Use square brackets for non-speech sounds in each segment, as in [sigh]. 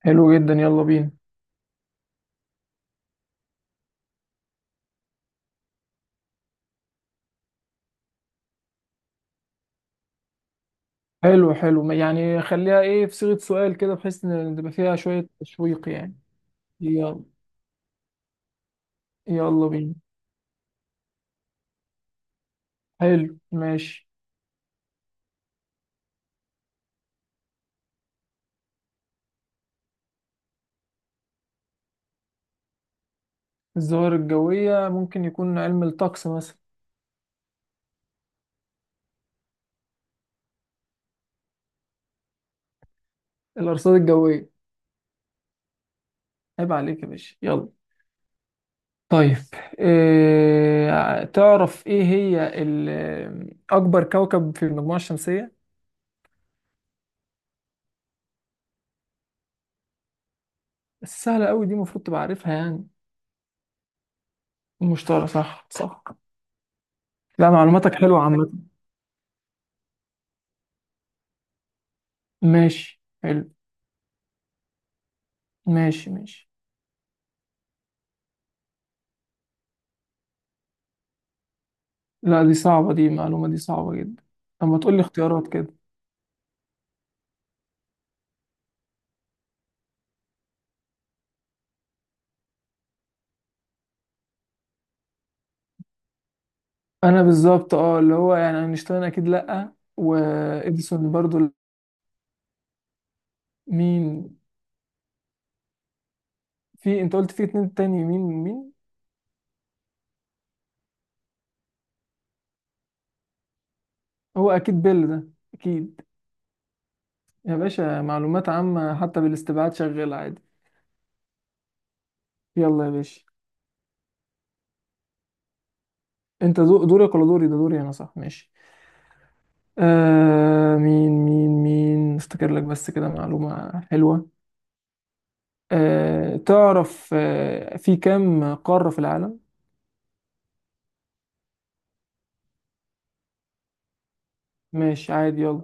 حلو جدا، يلا بينا. حلو حلو يعني خليها ايه في صيغة سؤال كده، بحيث ان تبقى فيها شوية تشويق يعني. يلا يلا بينا. حلو ماشي. الظواهر الجوية ممكن يكون علم الطقس مثلا. الأرصاد الجوية. عيب عليك يا باشا، يلا. طيب. إيه تعرف ايه هي أكبر كوكب في المجموعة الشمسية؟ سهلة أوي دي، المفروض تبقى عارفها يعني. المشتري، صح صح. لا معلوماتك حلوة عامة. ماشي حلو. ماشي ماشي. لا دي صعبة، دي معلومة دي صعبة جدا. طب ما تقول لي اختيارات كده. انا بالظبط اللي هو يعني اينشتاين اكيد لا، واديسون برضو لا. مين؟ في انت قلت في اتنين تاني، مين مين؟ هو اكيد بيل ده. اكيد. يا باشا معلومات عامة حتى بالاستبعاد شغال عادي. يلا يا باشا. انت دورك ولا دوري؟ ده دوري انا، صح؟ ماشي. مين مين مين افتكر لك بس كده معلومة حلوة. تعرف في كام قارة في العالم؟ ماشي عادي، يلا.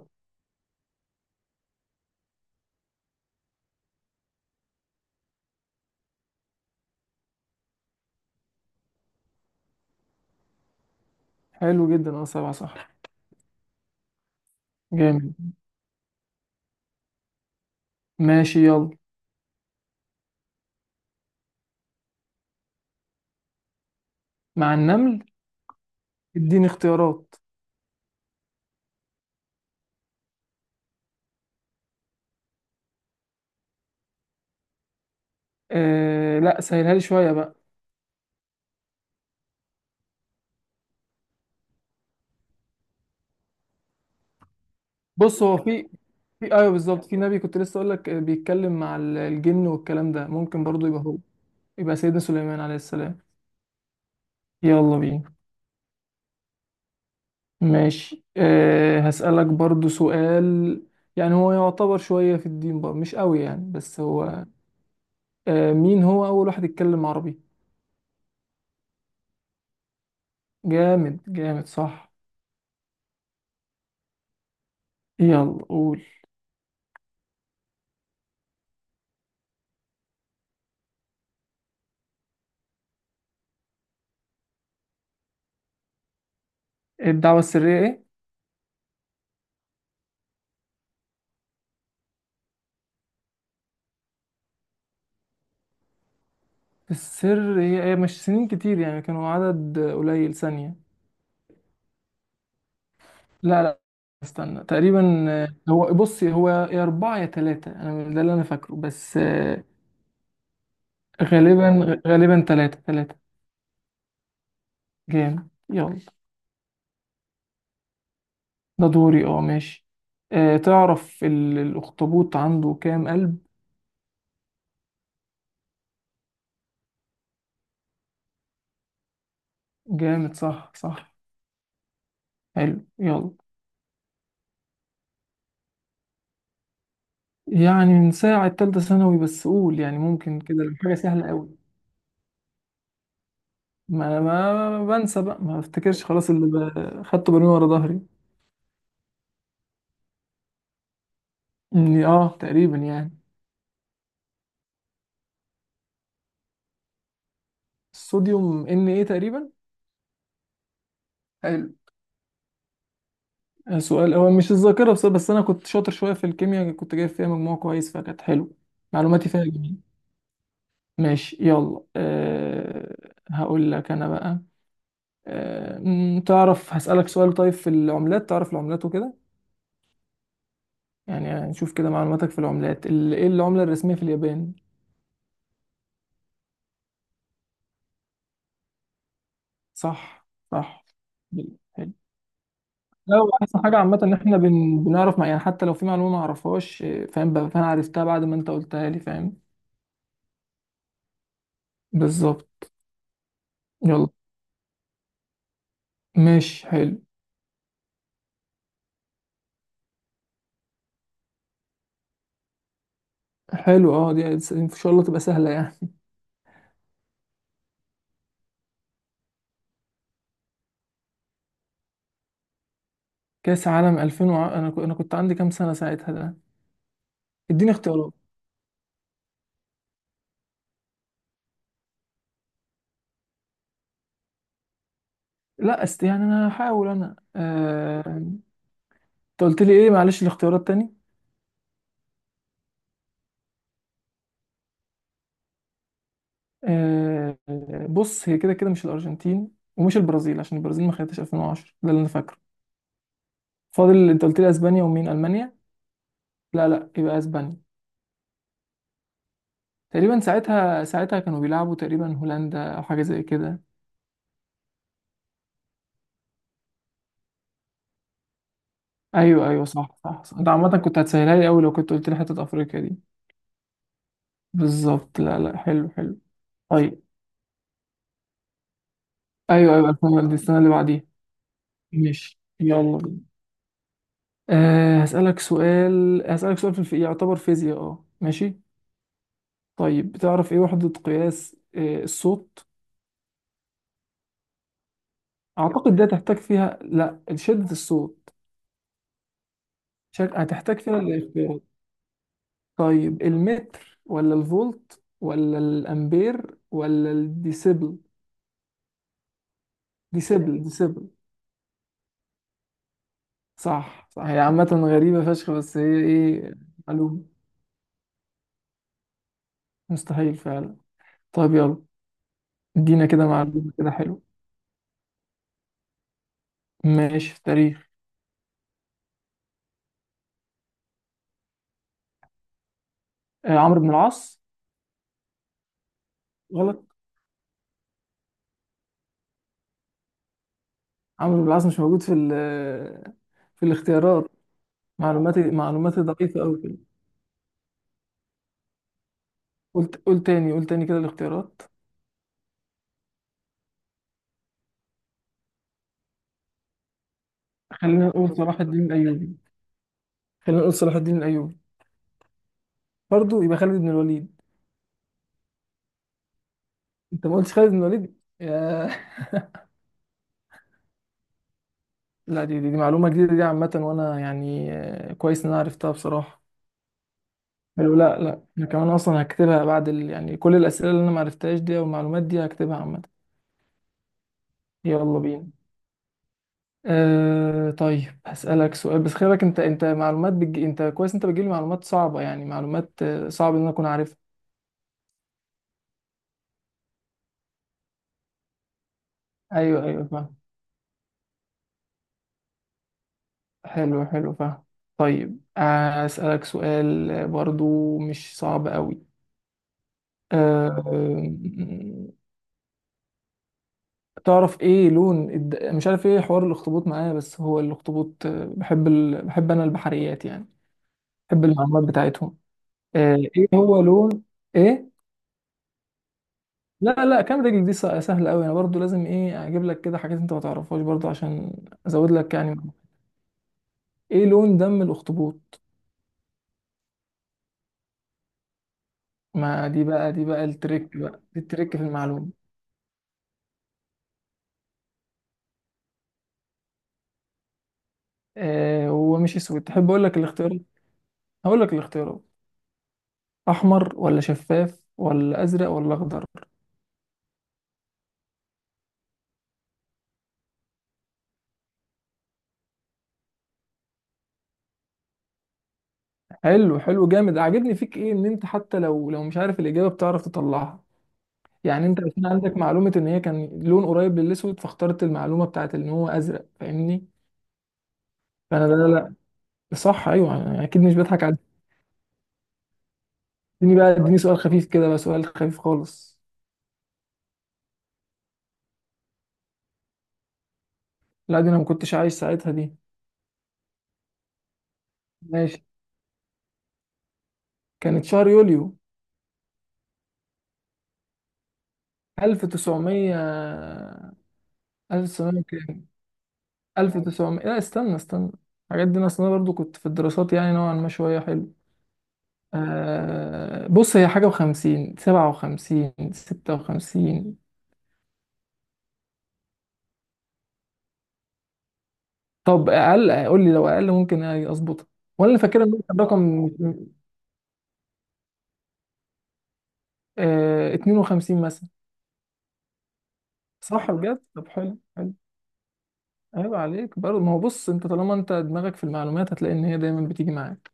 حلو جدا، اه سبعة صح. جامد. ماشي يلا. مع النمل. اديني اختيارات. لا سهلها لي شوية بقى. بص هو في ايوه بالظبط، في نبي كنت لسه اقول لك، بيتكلم مع الجن والكلام ده، ممكن برضو يبقى هو. يبقى سيدنا سليمان عليه السلام. يلا بينا. ماشي، هسألك برضو سؤال. يعني هو يعتبر شوية في الدين بقى، مش قوي يعني بس هو. مين هو أول واحد يتكلم عربي؟ جامد جامد، صح. يلا قول. الدعوة السرية إيه؟ السر هي مش سنين كتير يعني، كانوا عدد قليل. ثانية. لا لا، استنى. تقريبا، هو بص، هو يا أربعة يا تلاتة، أنا ده اللي أنا فاكره بس. غالبا غالبا تلاتة تلاتة. جامد يلا. ده دوري، اه ماشي. تعرف الأخطبوط عنده كام قلب؟ جامد، صح صح. حلو يلا. يعني من ساعة تالتة ثانوي بس، قول يعني، ممكن كده لو حاجة سهلة أوي. ما أنا ما بنسى بقى، ما بفتكرش خلاص، اللي خدته برمي ورا ظهري. اه تقريبا يعني. الصوديوم ان ايه تقريبا. حلو. سؤال هو مش الذاكرة بس أنا كنت شاطر شوية في الكيمياء، كنت جايب فيها مجموع كويس، فكانت حلو. معلوماتي فيها جميل. ماشي يلا. هقول لك أنا بقى. أه مم، تعرف هسألك سؤال طيب في العملات، تعرف العملات وكده. يعني نشوف كده معلوماتك في العملات. إيه العملة الرسمية في اليابان؟ صح صح. لا هو احسن حاجه عامه ان احنا بنعرف يعني حتى لو في معلومه ما اعرفهاش إيه، فاهم بقى، فانا عرفتها بعد ما انت قلتها لي، فاهم. بالظبط. يلا. ماشي حلو. حلو اه دي. ان شاء الله تبقى سهله يعني. كاس عالم 2000 انا انا كنت عندي كام سنه ساعتها ده. اديني اختيارات. لا يعني انا هحاول انا، انت قلت لي ايه معلش الاختيارات تاني. آه، بص هي كده كده مش الارجنتين، ومش البرازيل، عشان البرازيل ما خدتش 2010، ده اللي انا فاكره. فاضل انت قلت لي اسبانيا ومين؟ المانيا. لا لا، يبقى اسبانيا. تقريبا ساعتها، كانوا بيلعبوا تقريبا هولندا او حاجه زي كده. ايوه ايوه، صح صح صح. انت عامه كنت هتسهلها لي قوي لو كنت قلت لي حته افريقيا دي. بالظبط، لا لا، حلو حلو. طيب. ايوه ايوه، الفاينل دي السنه اللي بعديها. ماشي يلا بينا. هسألك سؤال، في يعتبر فيزياء، اه ماشي. طيب بتعرف ايه وحدة قياس الصوت؟ اعتقد ده تحتاج فيها، لا، شدة الصوت. هتحتاج فيها الاختيار. طيب المتر ولا الفولت ولا الامبير ولا الديسيبل؟ ديسيبل ديسيبل. صح صح، هي عامة غريبة فشخ، بس هي ايه. معلومة. مستحيل فعلا. طيب يلا. ادينا كده معلومة كده حلو. ماشي، في التاريخ. عمرو بن العاص. غلط. عمرو بن العاص مش موجود في ال، في الاختيارات. معلوماتي ضعيفة أوي كده. قول تاني، قول تاني كده الاختيارات. خلينا نقول صلاح الدين الأيوبي. خلينا نقول صلاح الدين الأيوبي. برضه، يبقى خالد بن الوليد. انت ما قلتش خالد بن الوليد [laughs] لا دي معلومه جديده دي عامه، وانا يعني كويس ان انا عرفتها بصراحه. حلو. لا لا، انا كمان اصلا هكتبها بعد يعني كل الاسئله اللي انا ما عرفتهاش دي والمعلومات دي، هكتبها عامه. يلا بينا. طيب هسألك سؤال، بس خلي بالك انت، معلومات انت كويس، انت بتجيب لي معلومات صعبه، يعني معلومات صعب ان انا اكون عارفها. ايوه ايوه، فاهم. حلو حلو، فاهم. طيب، هسألك سؤال برضو مش صعب قوي. أه. تعرف ايه لون مش عارف ايه حوار الاخطبوط معايا، بس هو الاخطبوط، بحب بحب انا البحريات يعني. بحب المعلومات بتاعتهم. ايه هو لون. ايه. لا لا، كام رجل دي سهله قوي، انا برضو لازم ايه اجيب لك كده حاجات انت ما تعرفهاش برضو عشان ازود لك يعني معلومة. ايه لون دم الاخطبوط؟ ما دي بقى، دي بقى التريك بقى، دي التريك في المعلومه. هو مش اسود، تحب اقول لك الاختيارات؟ هقول لك الاختيارات. احمر ولا شفاف ولا ازرق ولا اخضر. حلو حلو، جامد. عاجبني فيك ايه ان انت حتى لو مش عارف الاجابه بتعرف تطلعها. يعني انت عشان عندك معلومه ان هي كان لون قريب للاسود، فاخترت المعلومه بتاعت ان هو ازرق، فاهمني. فانا لا لا لا. صح ايوه، أنا اكيد مش بضحك عليك. اديني بقى، اديني سؤال خفيف كده بقى، سؤال خفيف خالص. لا دي انا ما كنتش عايش ساعتها دي. ماشي. كانت شهر يوليو. 1900. 1900 كام؟ 1900، لا، استنى استنى. الحاجات دي انا اصلا برضو كنت في الدراسات يعني نوعا ما شويه حلو. بص هي حاجة وخمسين، سبعة وخمسين، ستة وخمسين. طب أقل، قول لي، لو أقل ممكن أظبطها. وأنا اللي فاكرها إن هو كان رقم. اتنين وخمسين مثلا. صح بجد، طب حلو حلو. عيب عليك برضه، ما هو بص أنت طالما أنت دماغك في المعلومات هتلاقي إن هي دايما بتيجي معاك.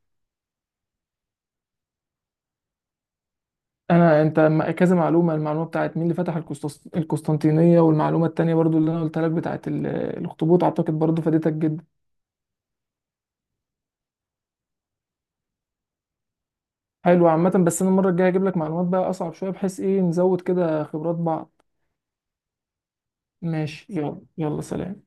أنا أنت كذا معلومة، المعلومة بتاعت مين اللي فتح القسطنطينية، والمعلومة التانية برضو اللي أنا قلتها لك بتاعت الأخطبوط، أعتقد برضو فادتك جدا. حلو عامة، بس انا المرة الجاية هجيب لك معلومات بقى اصعب شوية، بحيث ايه نزود كده خبرات بعض. ماشي يلا يلا، سلام.